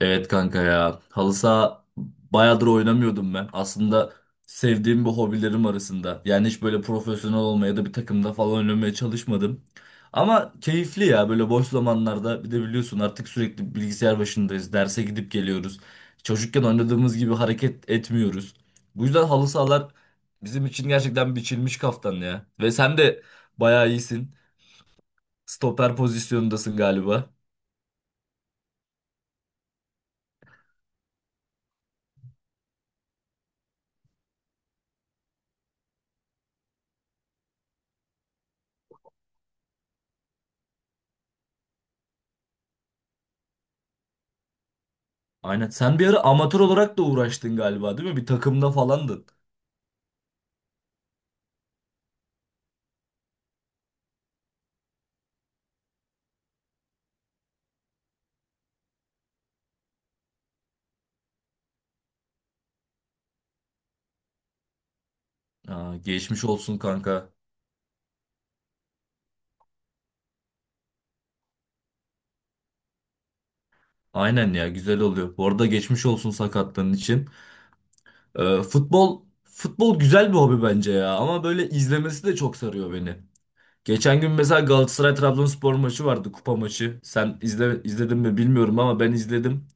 Evet kanka ya. Halı saha bayağıdır oynamıyordum ben. Aslında sevdiğim bir hobilerim arasında. Yani hiç böyle profesyonel olmaya da bir takımda falan oynamaya çalışmadım. Ama keyifli ya böyle boş zamanlarda bir de biliyorsun artık sürekli bilgisayar başındayız. Derse gidip geliyoruz. Çocukken oynadığımız gibi hareket etmiyoruz. Bu yüzden halı sahalar bizim için gerçekten biçilmiş kaftan ya. Ve sen de bayağı iyisin. Stoper pozisyonundasın galiba. Aynen. Sen bir ara amatör olarak da uğraştın galiba, değil mi? Bir takımda falandın. Aa, geçmiş olsun kanka. Aynen ya, güzel oluyor. Bu arada geçmiş olsun sakatlığın için. Futbol güzel bir hobi bence ya ama böyle izlemesi de çok sarıyor beni. Geçen gün mesela Galatasaray Trabzonspor maçı vardı, kupa maçı. Sen izle, izledin mi bilmiyorum ama ben izledim.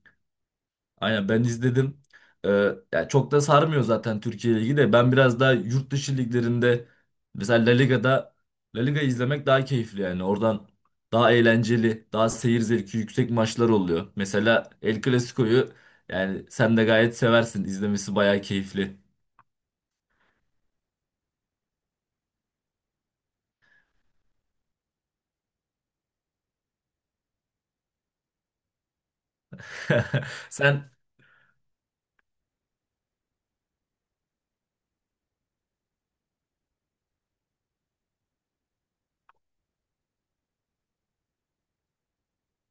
Aynen ben izledim. Ee, Ya çok da sarmıyor zaten Türkiye Ligi de. Ben biraz daha yurt dışı liglerinde mesela La Liga izlemek daha keyifli yani. Oradan daha eğlenceli, daha seyir zevki yüksek maçlar oluyor. Mesela El Clasico'yu yani sen de gayet seversin. İzlemesi bayağı keyifli. Sen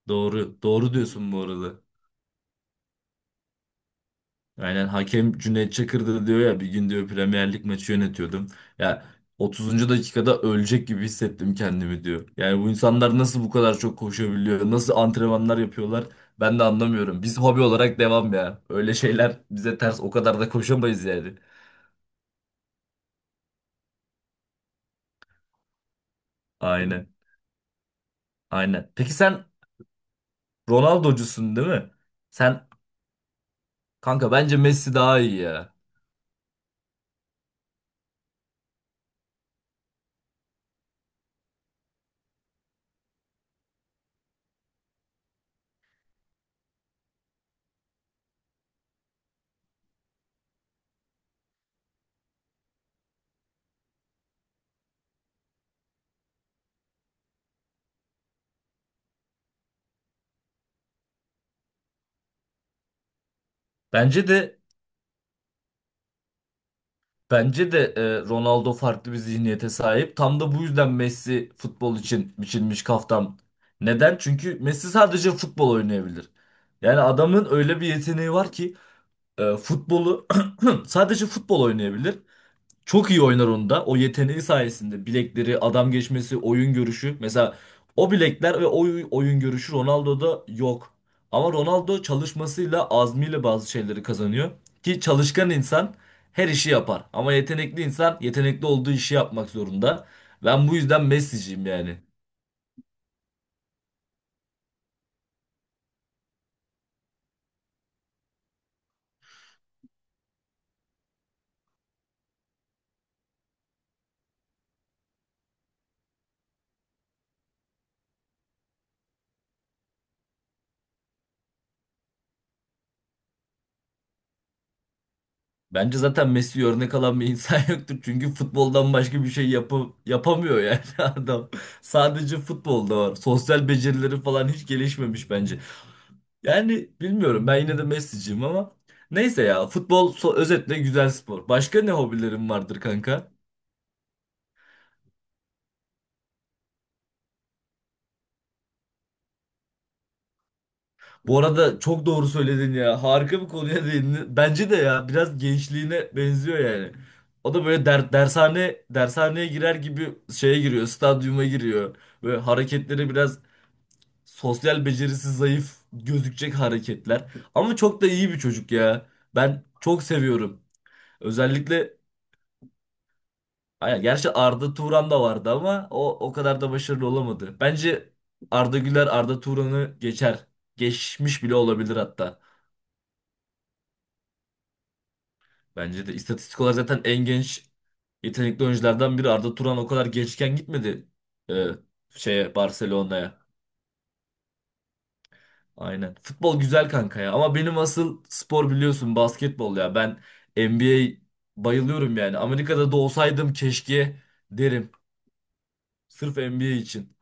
doğru, doğru diyorsun bu arada. Aynen, hakem Cüneyt Çakır'dı. Diyor ya bir gün, diyor, Premier Lig maçı yönetiyordum. Ya 30. dakikada ölecek gibi hissettim kendimi, diyor. Yani bu insanlar nasıl bu kadar çok koşabiliyor? Nasıl antrenmanlar yapıyorlar? Ben de anlamıyorum. Biz hobi olarak devam ya. Öyle şeyler bize ters. O kadar da koşamayız yani. Aynen. Aynen. Peki sen Ronaldo'cusun, değil mi? Sen kanka, bence Messi daha iyi ya. Bence de Ronaldo farklı bir zihniyete sahip. Tam da bu yüzden Messi futbol için biçilmiş kaftan. Neden? Çünkü Messi sadece futbol oynayabilir. Yani adamın öyle bir yeteneği var ki e, futbolu sadece futbol oynayabilir. Çok iyi oynar onda. O yeteneği sayesinde bilekleri, adam geçmesi, oyun görüşü. Mesela o bilekler ve oyun görüşü Ronaldo'da yok. Ama Ronaldo çalışmasıyla, azmiyle bazı şeyleri kazanıyor. Ki çalışkan insan her işi yapar. Ama yetenekli insan yetenekli olduğu işi yapmak zorunda. Ben bu yüzden Messi'ciyim yani. Bence zaten Messi örnek alan bir insan yoktur. Çünkü futboldan başka bir şey yapamıyor yani adam. Sadece futbolda var. Sosyal becerileri falan hiç gelişmemiş bence. Yani bilmiyorum, ben yine de Messi'ciyim ama neyse ya, futbol özetle güzel spor. Başka ne hobilerim vardır kanka? Bu arada çok doğru söyledin ya. Harika bir konuya değindin. Bence de ya biraz gençliğine benziyor yani. O da böyle, dershaneye girer gibi şeye giriyor, stadyuma giriyor. Böyle hareketleri biraz sosyal becerisi zayıf gözükecek hareketler. Ama çok da iyi bir çocuk ya. Ben çok seviyorum. Özellikle Aynen, gerçi Arda Turan da vardı ama o kadar da başarılı olamadı. Bence Arda Güler Arda Turan'ı geçer. Geçmiş bile olabilir hatta. Bence de istatistik olarak zaten en genç yetenekli oyunculardan biri. Arda Turan o kadar gençken gitmedi e, Barcelona'ya. Aynen. Futbol güzel kanka ya ama benim asıl spor biliyorsun basketbol ya. Ben NBA bayılıyorum yani. Amerika'da da olsaydım keşke, derim. Sırf NBA için.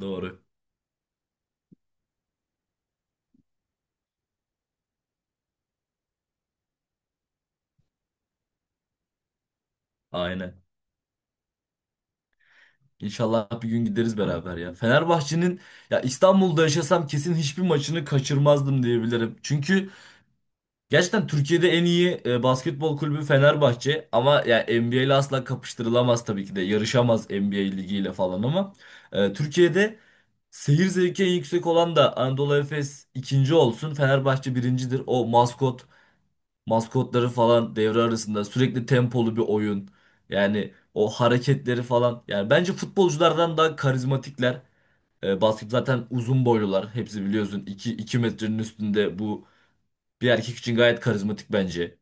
Doğru. Aynen. İnşallah bir gün gideriz beraber ya. Fenerbahçe'nin, ya İstanbul'da yaşasam kesin hiçbir maçını kaçırmazdım diyebilirim. Çünkü gerçekten Türkiye'de en iyi basketbol kulübü Fenerbahçe ama ya NBA ile asla kapıştırılamaz tabii ki de. Yarışamaz NBA ligiyle falan ama Türkiye'de seyir zevki en yüksek olan da Anadolu Efes ikinci olsun. Fenerbahçe birincidir. O maskotları falan devre arasında sürekli tempolu bir oyun. Yani o hareketleri falan. Yani bence futbolculardan daha karizmatikler. Basket zaten uzun boylular. Hepsi biliyorsun 2 metrenin üstünde. Bu bir erkek için gayet karizmatik bence.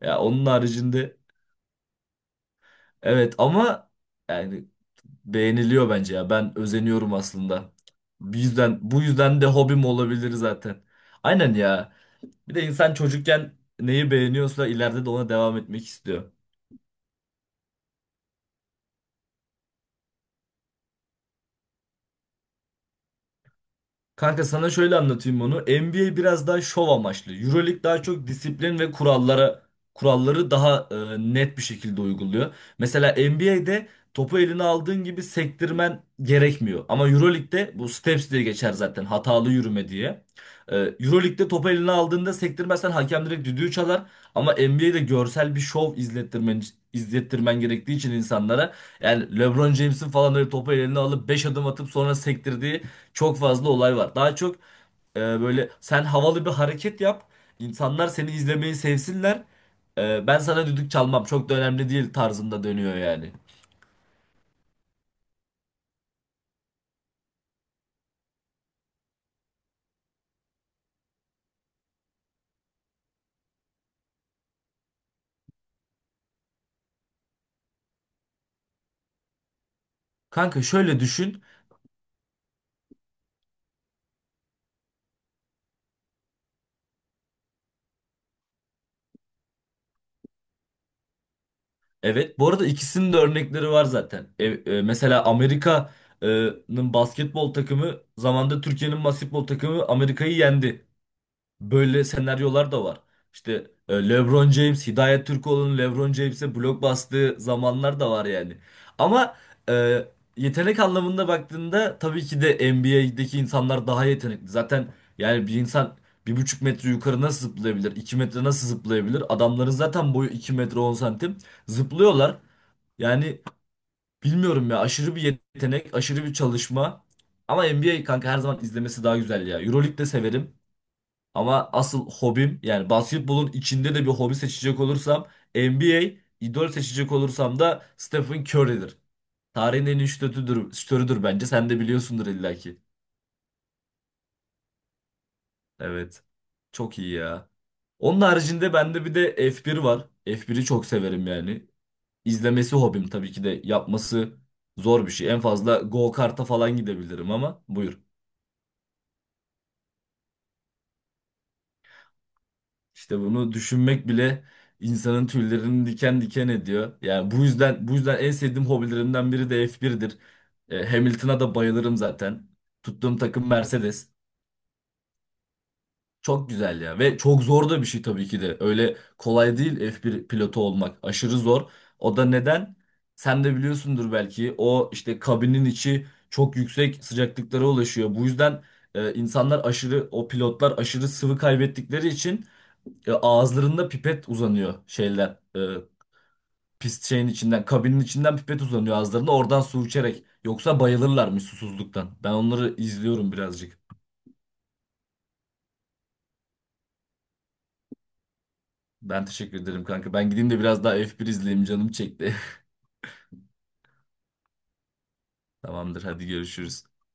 Ya onun haricinde, evet ama yani beğeniliyor bence ya. Ben özeniyorum aslında. Bu yüzden de hobim olabilir zaten. Aynen ya. Bir de insan çocukken neyi beğeniyorsa ileride de ona devam etmek istiyor. Kanka sana şöyle anlatayım onu. NBA biraz daha şov amaçlı. EuroLeague daha çok disiplin ve kuralları daha net bir şekilde uyguluyor. Mesela NBA'de topu eline aldığın gibi sektirmen gerekmiyor. Ama EuroLeague'de bu steps diye geçer zaten, hatalı yürüme diye. EuroLeague'de topu eline aldığında sektirmezsen hakem direkt düdüğü çalar. Ama NBA'de görsel bir şov izlettirmen gerektiği için insanlara, yani LeBron James'in falan öyle topu eline alıp 5 adım atıp sonra sektirdiği çok fazla olay var. Daha çok böyle sen havalı bir hareket yap, insanlar seni izlemeyi sevsinler. Ben sana düdük çalmam çok da önemli değil tarzında dönüyor yani. Kanka şöyle düşün. Evet, bu arada ikisinin de örnekleri var zaten. Mesela Amerika'nın basketbol takımı zamanda Türkiye'nin basketbol takımı Amerika'yı yendi. Böyle senaryolar da var. İşte LeBron James, Hidayet Türkoğlu'nun LeBron James'e blok bastığı zamanlar da var yani. Ama e, yetenek anlamında baktığında tabii ki de NBA'deki insanlar daha yetenekli. Zaten yani bir insan 1,5 metre yukarı nasıl zıplayabilir? 2 metre nasıl zıplayabilir? Adamların zaten boyu 2 metre 10 santim. Zıplıyorlar. Yani bilmiyorum ya, aşırı bir yetenek, aşırı bir çalışma. Ama NBA kanka her zaman izlemesi daha güzel ya. Euroleague de severim. Ama asıl hobim, yani basketbolun içinde de bir hobi seçecek olursam NBA, idol seçecek olursam da Stephen Curry'dir. Tarihin en iyi şutörüdür bence. Sen de biliyorsundur illaki. Evet. Çok iyi ya. Onun haricinde bende bir de F1 var. F1'i çok severim yani. İzlemesi hobim, tabii ki de yapması zor bir şey. En fazla go-kart'a falan gidebilirim ama buyur. İşte bunu düşünmek bile insanın tüylerini diken diken ediyor. Yani bu yüzden en sevdiğim hobilerimden biri de F1'dir. Hamilton'a da bayılırım zaten. Tuttuğum takım Mercedes. Çok güzel ya ve çok zor da bir şey tabii ki de. Öyle kolay değil F1 pilotu olmak. Aşırı zor. O da neden? Sen de biliyorsundur belki. O işte kabinin içi çok yüksek sıcaklıklara ulaşıyor. Bu yüzden e, insanlar aşırı o pilotlar aşırı sıvı kaybettikleri için ağızlarında pipet uzanıyor şeyler. Kabinin içinden pipet uzanıyor ağızlarında. Oradan su içerek. Yoksa bayılırlarmış susuzluktan. Ben onları izliyorum birazcık. Ben teşekkür ederim kanka. Ben gideyim de biraz daha bir izleyeyim. Canım çekti. Tamamdır, hadi görüşürüz.